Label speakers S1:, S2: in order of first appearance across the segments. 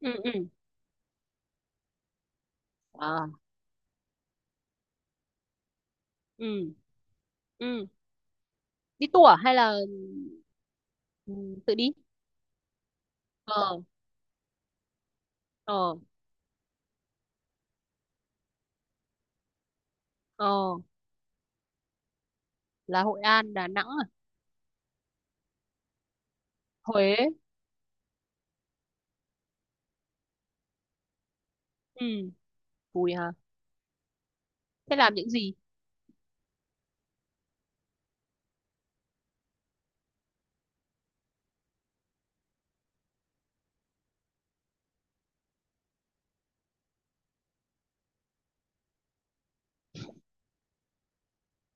S1: Ừ, ừ. Ờ. Ừ, ừ. Đi tour à? Hay là ừ, tự đi. Ờ, ờ, ờ. Là Hội An Đà Nẵng à? Huế? Ừ. Vui hả? Thế làm những gì?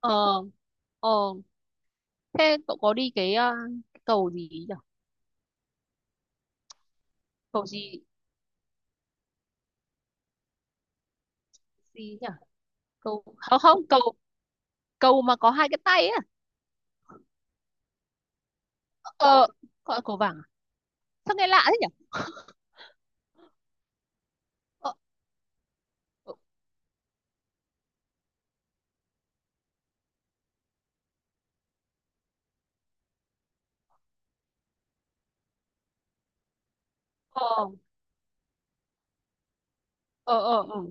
S1: Ờ, ờ. Thế cậu có đi cái cái cầu gì nhỉ? Cầu gì? Gì nhỉ? Cầu, không không, cầu, cầu mà có hai cái tay ấy à? ờ Gọi là cầu vàng à? Sao nghe lạ thế nhỉ? Ờ, ờ, ờ, ờ, ờ, ờ.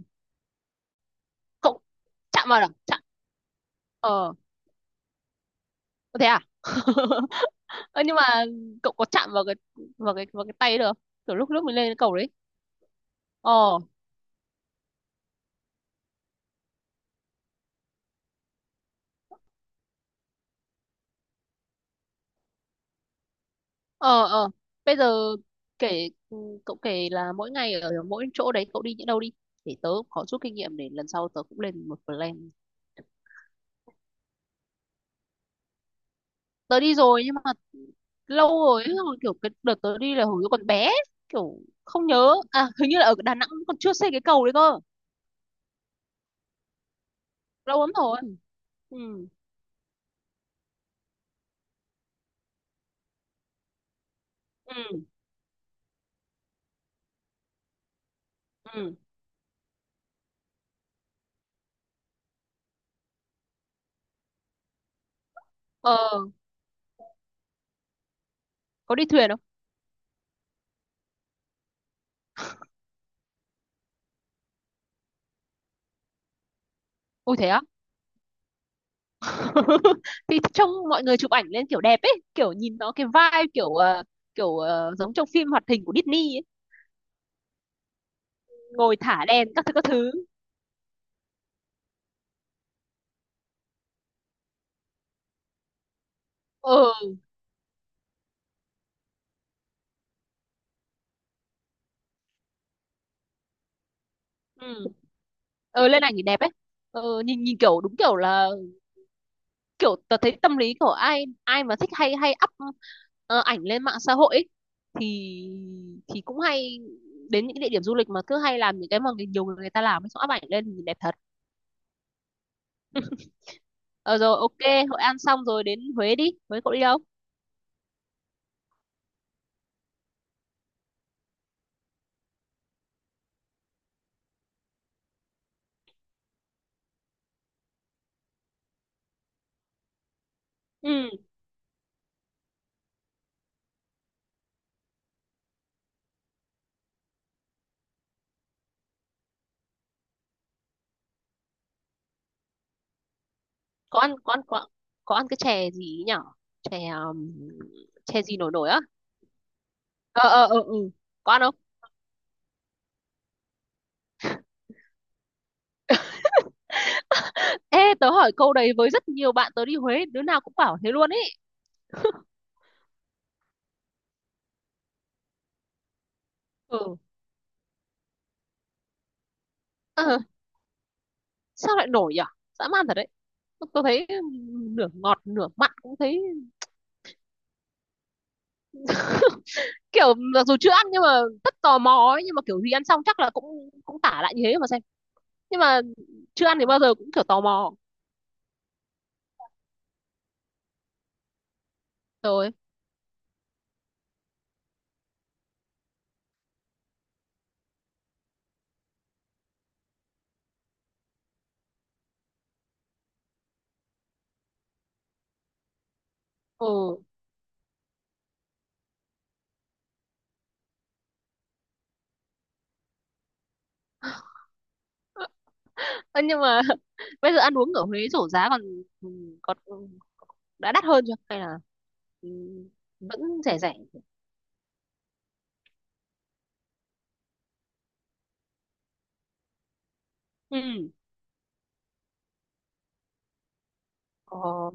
S1: Cậu chạm vào à? Chạm. ờ Thế à? Ơ nhưng mà cậu có chạm vào cái tay được không? Kiểu lúc lúc mình lên cái cầu đấy. Ờ, ờ, ờ. Bây giờ kể ừ, cậu kể là mỗi ngày ở mỗi chỗ đấy cậu đi những đâu, đi để tớ cũng có chút kinh nghiệm để lần sau tớ cũng lên một plan. Tớ đi rồi nhưng mà lâu rồi ấy, xong rồi kiểu cái đợt tớ đi là hồi tớ còn bé, kiểu không nhớ. À, hình như là ở Đà Nẵng còn chưa xây cái cầu đấy cơ. Lâu lắm rồi. Ừ, ừ, ừ. Ờ, có đi thuyền không? Ui thế á? Thì trông mọi người chụp ảnh lên kiểu đẹp ấy, kiểu nhìn nó cái vibe kiểu kiểu giống trong phim hoạt hình của Disney ấy. Ngồi thả đèn các thứ các thứ. Ừ, ừ, ừ lên ảnh thì đẹp ấy. Ừ, nhìn nhìn kiểu đúng kiểu là kiểu tớ thấy tâm lý của ai ai mà thích hay hay up ảnh lên mạng xã hội ấy, thì cũng hay đến những cái địa điểm du lịch mà cứ hay làm những cái mà nhiều người người ta làm ấy, xong up ảnh lên thì nhìn đẹp thật. Ờ Rồi, ok. Hội An xong rồi đến Huế. Đi Huế cậu đi đâu? Ừ. Có ăn, có ăn, có. Có ăn cái chè gì ấy nhở? Chè chè gì nổi nổi á? Ờ, ờ, ờ, ừ. Có ăn không? Ê tớ hỏi câu đấy với rất nhiều bạn, tớ đi Huế đứa nào cũng bảo thế luôn ấy. Ừ. Ờ, sao lại nổi nhở? Dã man thật đấy. Tớ thấy nửa ngọt nửa mặn cũng thấy kiểu mặc dù chưa ăn nhưng mà rất tò mò ấy, nhưng mà kiểu gì ăn xong chắc là cũng cũng tả lại như thế mà xem. Nhưng mà chưa ăn thì bao giờ cũng kiểu tò mò. Rồi, ừ. Ơ, nhưng mà bây giờ ăn uống ở Huế rổ giá còn còn đã đắt hơn chưa hay là ừ, vẫn rẻ rẻ? Ừ. Ờ,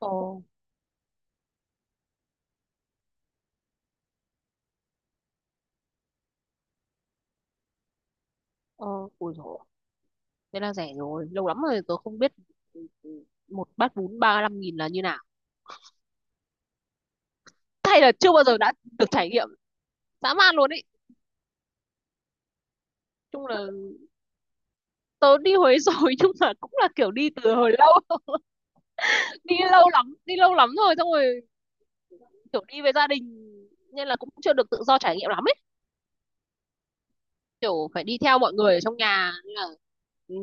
S1: ờ, ờ. Ui dồi, thế là rẻ rồi, lâu lắm rồi tôi không biết. Ừ, ừ, một bát bún 35 nghìn là như nào? Hay là chưa bao giờ đã được trải nghiệm? Dã man luôn ý. Chung là tớ đi Huế rồi nhưng mà cũng là kiểu đi từ hồi lâu. Đi lâu lắm rồi, xong rồi kiểu đi với gia đình nên là cũng chưa được tự do trải nghiệm lắm ấy, kiểu phải đi theo mọi người ở trong nhà nên là ừm,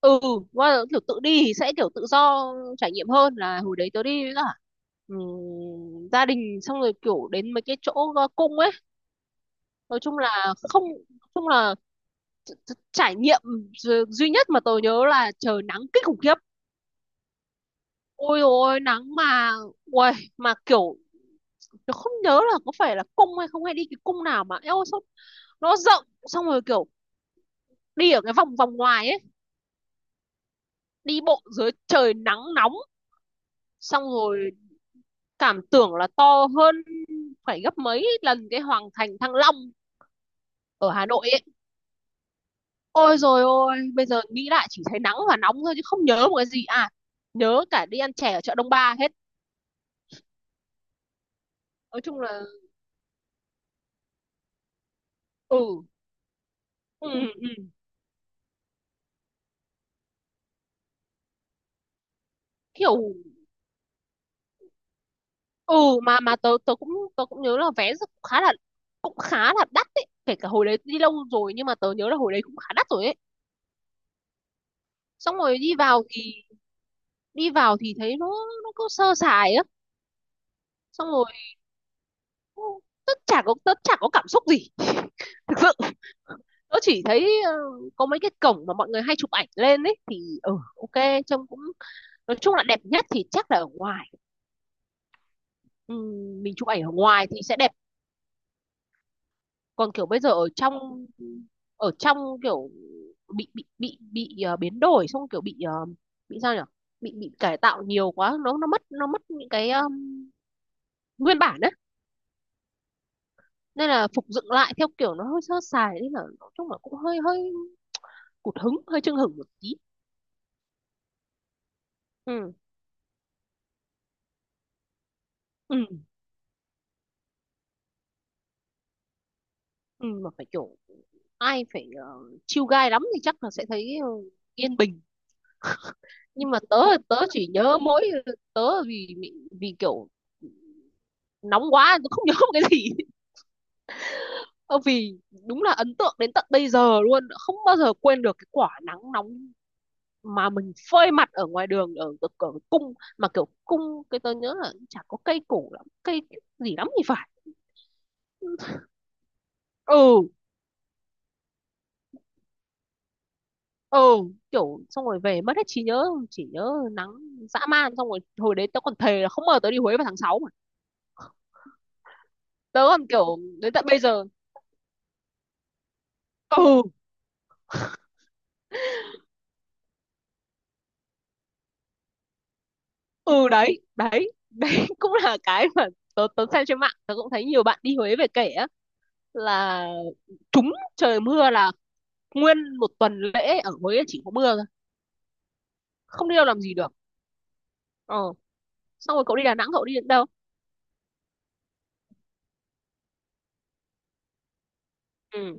S1: ừ. Qua kiểu tự đi thì sẽ kiểu tự do trải nghiệm hơn là hồi đấy tớ đi với cả gia đình, xong rồi kiểu đến mấy cái chỗ cung ấy. Nói chung là không, nói chung là trải nghiệm duy nhất mà tớ nhớ là trời nắng kinh khủng khiếp. Ôi, ôi nắng mà uầy, mà kiểu tớ không nhớ là có phải là cung hay không, hay đi cái cung nào mà eo sao nó rộng, xong rồi kiểu đi ở cái vòng vòng ngoài ấy, đi bộ dưới trời nắng nóng, xong rồi cảm tưởng là to hơn phải gấp mấy lần cái Hoàng Thành Thăng Long ở Hà Nội ấy. Ôi rồi ôi, bây giờ nghĩ lại chỉ thấy nắng và nóng thôi chứ không nhớ một cái gì à. Nhớ cả đi ăn chè ở chợ Đông Ba hết. Nói chung là. Ừ, ừ, ừ, ừ. Kiểu ừ, mà tớ tớ cũng, tớ cũng nhớ là vé khá là, cũng khá là đắt ấy. Kể cả hồi đấy đi lâu rồi nhưng mà tớ nhớ là hồi đấy cũng khá đắt rồi ấy. Xong rồi đi vào thì thấy nó cứ sơ sài á. Xong rồi tớ chả có cảm xúc gì thực sự. Tôi chỉ thấy có mấy cái cổng mà mọi người hay chụp ảnh lên ấy thì ừ, ok, trông cũng, nói chung là đẹp nhất thì chắc là ở ngoài. Ừ, mình chụp ảnh ở ngoài thì sẽ đẹp, còn kiểu bây giờ ở trong, ở trong kiểu bị biến đổi, xong kiểu bị bị sao nhỉ, bị cải tạo nhiều quá, nó mất những cái nguyên bản đấy, nên là phục dựng lại theo kiểu nó hơi sơ sài nên là nói chung là cũng hơi hơi cụt hứng, hơi chưng hửng một tí. Ừ, ừ, ừ, mà phải kiểu ai phải chill guy lắm thì chắc là sẽ thấy yên bình. Nhưng mà tớ tớ chỉ nhớ mỗi tớ, vì vì vì kiểu nóng quá tớ không nhớ một cái gì. Ờ, vì đúng là ấn tượng đến tận bây giờ luôn, không bao giờ quên được cái quả nắng nóng mà mình phơi mặt ở ngoài đường ở, ở, ở cung, mà kiểu cung cái tớ nhớ là chả có cây cổ lắm, cây gì lắm thì phải. Ừ, ừ, kiểu xong rồi về mất hết trí nhớ chỉ nhớ nắng dã man. Xong rồi hồi đấy tớ còn thề là không ngờ tớ đi Huế vào tháng 6 mà, tớ còn kiểu đến tận bây giờ. Ừ, ừ, đấy đấy đấy. Cũng là cái mà tớ tớ xem trên mạng tớ cũng thấy nhiều bạn đi Huế về kể á, là trúng trời mưa là nguyên một tuần lễ ở Huế chỉ có mưa thôi, không đi đâu làm gì được. Ờ, xong rồi cậu đi Đà Nẵng cậu đi đến đâu? Ừ.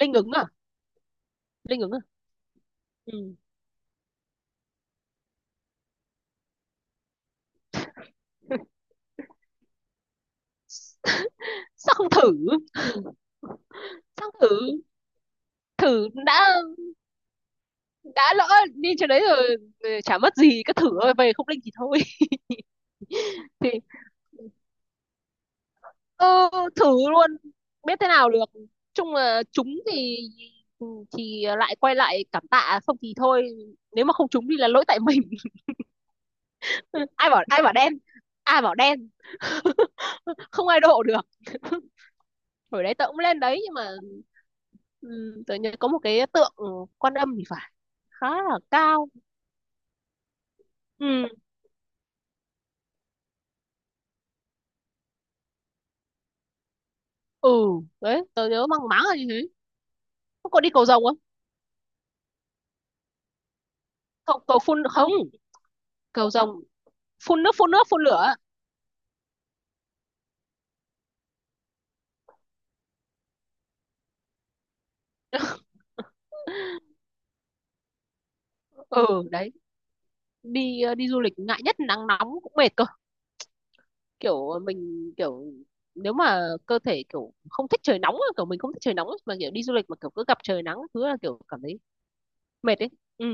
S1: Linh Ứng à? Linh Ứng à? Ừ. Sao không thử? Sao không thử? Thử đã lỡ đi chỗ đấy rồi, rồi chả mất gì cứ thử thôi, về không linh thì thôi. Thì ờ, thử luôn, biết thế nào được. Chung là trúng thì, ừ, thì lại quay lại cảm tạ, không thì thôi, nếu mà không trúng thì là lỗi tại mình. Ai bảo, ai bảo đen, ai bảo đen, không ai độ được. Hồi đấy tớ cũng lên đấy nhưng mà ừ, tớ nhớ có một cái tượng Quan Âm thì phải, khá là cao. Ừ, ừ, đấy tớ nhớ mang máng là như thế. Có đi cầu rồng không? Cầu, cầu phun không? Cầu rồng phun nước, phun nước phun lửa. Ừ đấy, đi đi du lịch ngại nhất nắng nóng, cũng mệt cơ. Kiểu mình kiểu nếu mà cơ thể kiểu không thích trời nóng á, kiểu mình không thích trời nóng á, mà kiểu đi du lịch mà kiểu cứ gặp trời nắng thứ là kiểu cảm thấy mệt ấy. Ừ,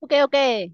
S1: ok, ok.